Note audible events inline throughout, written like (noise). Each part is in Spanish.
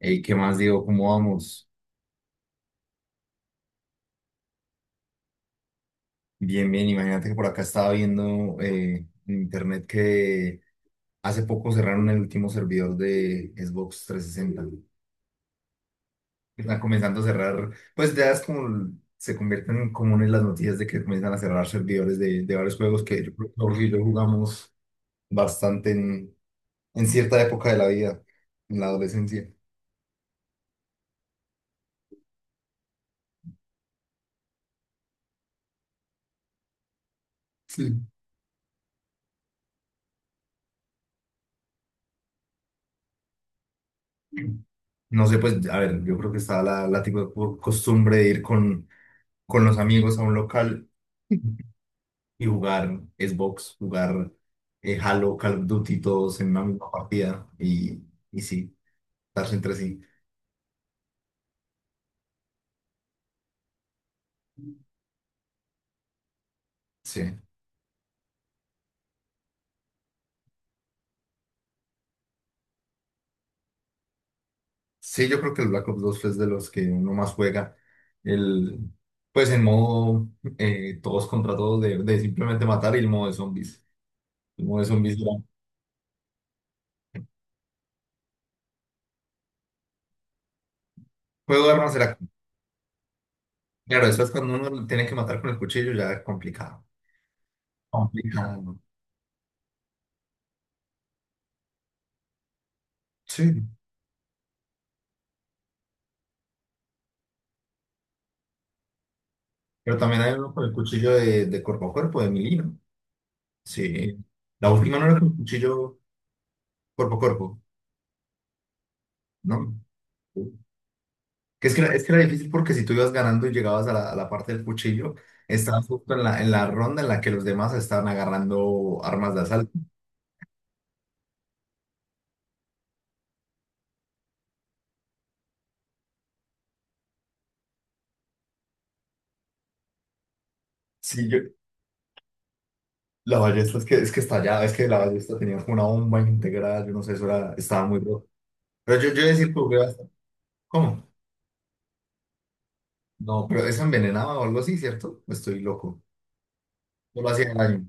Ey, ¿qué más digo? ¿Cómo vamos? Bien, bien. Imagínate que por acá estaba viendo en internet que hace poco cerraron el último servidor de Xbox 360. Están comenzando a cerrar, pues ya es como se convierten en comunes las noticias de que comienzan a cerrar servidores de varios juegos que yo, creo que Jorge y yo jugamos bastante en cierta época de la vida, en la adolescencia. Sí. No sé, pues, a ver, yo creo que está la tipo de costumbre de ir con los amigos a un local y jugar Xbox, jugar Halo, Call of Duty, todos en una misma partida y sí, darse entre sí. Sí. Sí, yo creo que el Black Ops 2 es de los que uno más juega. El, pues en modo todos contra todos de simplemente matar y el modo de zombies. El modo de zombies era... Juego de armas era... Claro, eso es cuando uno tiene que matar con el cuchillo, ya es complicado. Complicado. Sí. Pero también hay uno con el cuchillo de cuerpo a cuerpo, de melee. Sí. La última no era con cuchillo cuerpo a cuerpo, ¿no? Que es que era difícil porque si tú ibas ganando y llegabas a a la parte del cuchillo, estabas justo en en la ronda en la que los demás estaban agarrando armas de asalto. Sí, la ballesta es que estallaba, es que la ballesta tenía como una bomba integrada, yo no sé, eso era, estaba muy roto. Pero yo decir que jugué bastante. ¿Cómo? No, pero esa envenenaba o algo así, ¿cierto? Estoy loco. No lo hacía daño.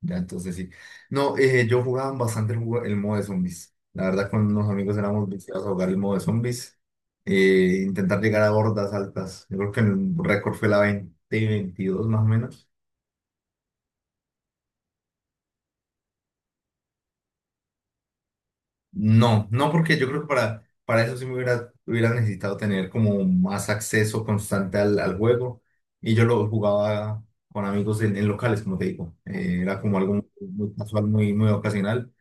Ya, entonces sí. No, yo jugaba bastante el, el modo de zombies. La verdad, con unos amigos éramos viciados a jugar el modo de zombies. Intentar llegar a hordas altas. Yo creo que el récord fue la 20 y 22 más o menos. No, no porque yo creo que para eso sí me hubiera, hubiera necesitado tener como más acceso constante al, al juego. Y yo lo jugaba con amigos en locales, como te digo. Era como algo muy, muy casual, muy, muy ocasional.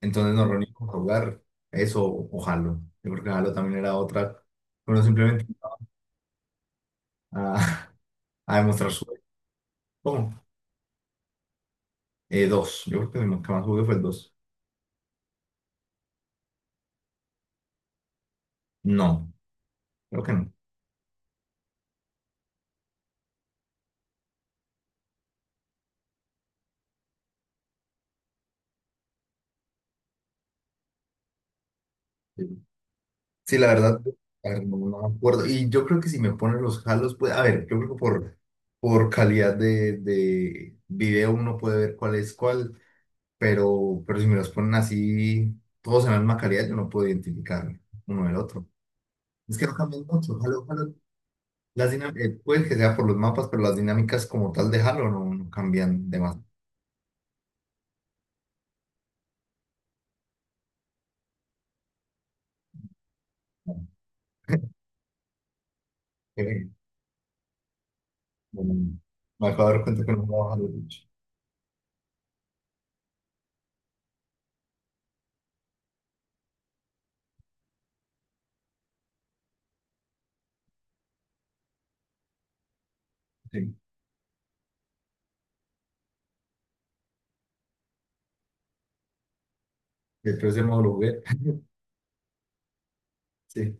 Entonces nos reunimos a jugar eso o Halo. Yo creo que Halo también era otra. Bueno, simplemente a, (laughs) a demostrar su. ¿Cómo? Dos. Yo creo que el que más jugué fue el dos. No, creo que no. Sí. Sí, la verdad, a ver, no, no me acuerdo. Y yo creo que si me ponen los Halos, pues, a ver, yo creo que por calidad de video uno puede ver cuál es cuál, pero si me los ponen así, todos en la misma calidad, yo no puedo identificar uno del otro. Es que no cambian mucho. Halo, las dinámicas, puede que sea por los mapas, pero las dinámicas como tal de Halo no cambian demasiado. Eh, bueno, me acabo de dar cuenta que no jugaba Halo, de hecho. Sí, pero ese modo lo jugué. Sí,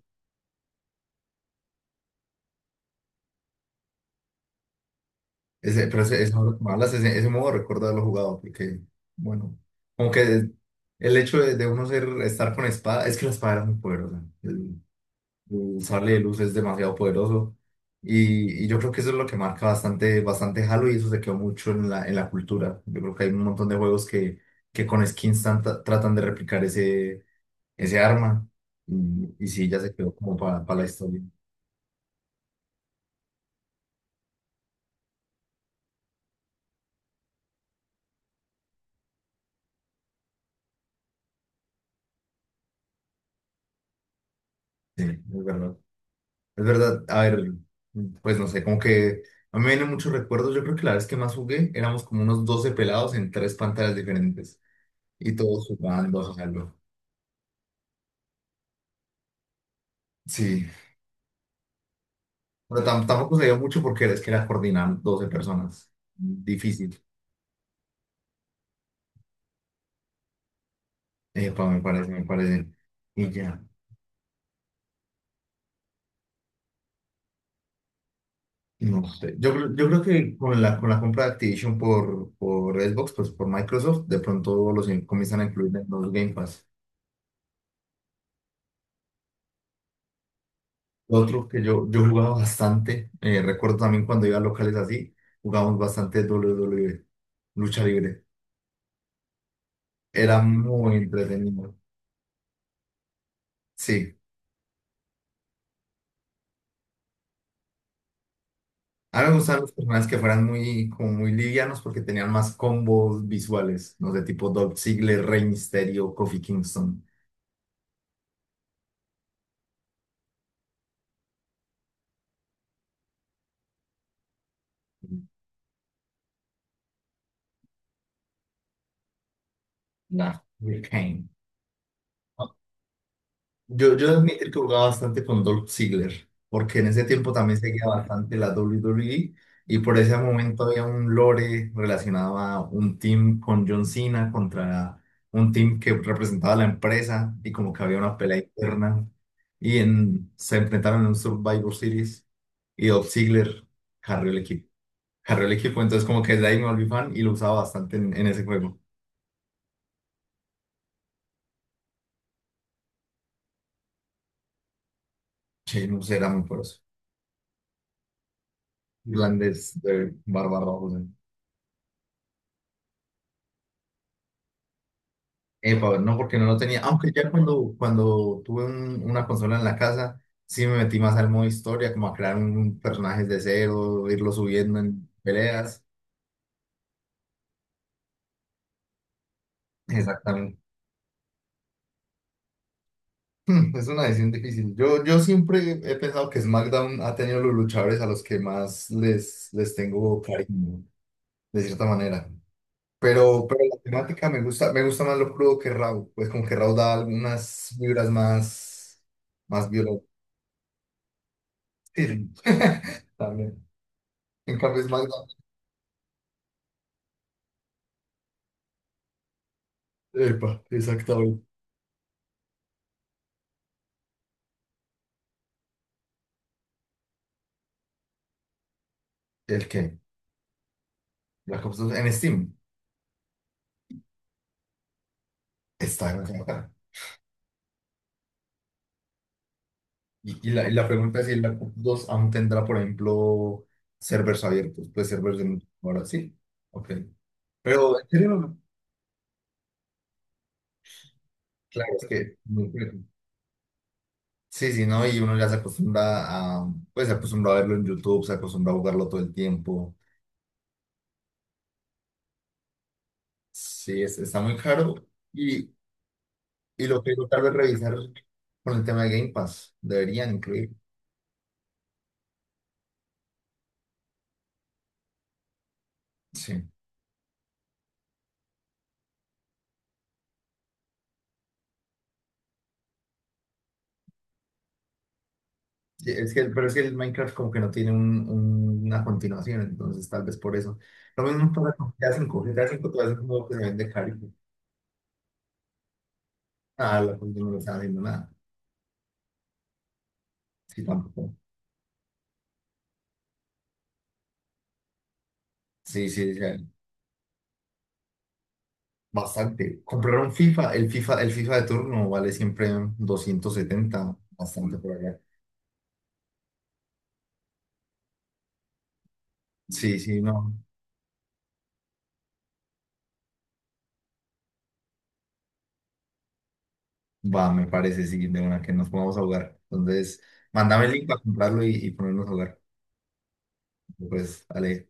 ese modo que me hablas, ese modo recuerdo haberlo jugado, porque, bueno, como que el hecho de uno ser, estar con espada, es que la espada era muy poderosa. Su sable de luz es demasiado poderoso. Y yo creo que eso es lo que marca bastante, bastante Halo y eso se quedó mucho en en la cultura. Yo creo que hay un montón de juegos que con skins tratan de replicar ese, ese arma y sí, ya se quedó como para la historia. Sí, es verdad. Es verdad. A ver, pues no sé, como que a mí me vienen muchos recuerdos. Yo creo que la vez que más jugué éramos como unos 12 pelados en tres pantallas diferentes y todos jugando a Halo. Sí. Pero tampoco se dio mucho porque es que era coordinar 12 personas. Difícil, me parece, me parece. Y ya, no sé. Yo creo que con la compra de Activision por Xbox, pues por Microsoft, de pronto los comienzan a incluir en los Game Pass. Lo otro que yo jugaba bastante, recuerdo también cuando iba a locales así, jugábamos bastante WWE, lucha libre. Era muy entretenido. Sí. A mí me gustaban los personajes que fueran muy, como muy livianos porque tenían más combos visuales, no sé, tipo Dolph Ziggler, Rey Mysterio, Kofi Kingston, nah, Liu Kang. Yo he de admitir que jugaba bastante con Dolph Ziggler, porque en ese tiempo también seguía bastante la WWE y por ese momento había un lore relacionado a un team con John Cena contra un team que representaba la empresa y como que había una pelea interna. Y en, se enfrentaron en un Survivor Series y Dolph Ziggler carrió el equipo. Carrió el equipo, entonces como que desde ahí me volví fan y lo usaba bastante en ese juego. Che, no sé, era muy poderoso. Irlandés de barba roja. Epa, no, porque no lo tenía. Aunque ya cuando, cuando tuve una consola en la casa, sí me metí más al modo historia, como a crear un personaje de cero, irlo subiendo en peleas. Exactamente. (laughs) Es una decisión difícil. Yo siempre he pensado que SmackDown ha tenido los luchadores a los que más les tengo cariño, de cierta manera. Pero la temática me gusta más lo crudo que Raw. Pues como que Raw da algunas vibras más, más violentas. Sí, sí, también. En cambio, SmackDown. Epa, exactamente. ¿El qué? La Copa 2 en Steam. Está en Steam. Y la pregunta es si la Copa 2 aún tendrá, por ejemplo, servers abiertos. Pues servers de... Ahora sí. Ok. Pero en serio, claro, es que no puede. Sí, sí, ¿no? Y uno ya se acostumbra a, pues se acostumbra a verlo en YouTube, se acostumbra a jugarlo todo el tiempo. Sí, está muy caro. Y, y lo que digo, tal vez revisar con el tema de Game Pass, deberían incluir. Sí. Sí, es que, pero es que el Minecraft como que no tiene una continuación, entonces tal vez por eso. Lo mismo pasa con GTA 5. GTA 5 todavía es un juego que se vende caro. Ah, la gente no le está haciendo nada. Sí, tampoco. Sí, sí, sí. Bastante. Comprar un FIFA, el FIFA, el FIFA de turno vale siempre 270 bastante por allá. Sí, sí, no. Va, me parece, sí, de una que nos pongamos a jugar. Entonces, mándame el link para comprarlo y ponernos a jugar. Pues, Ale.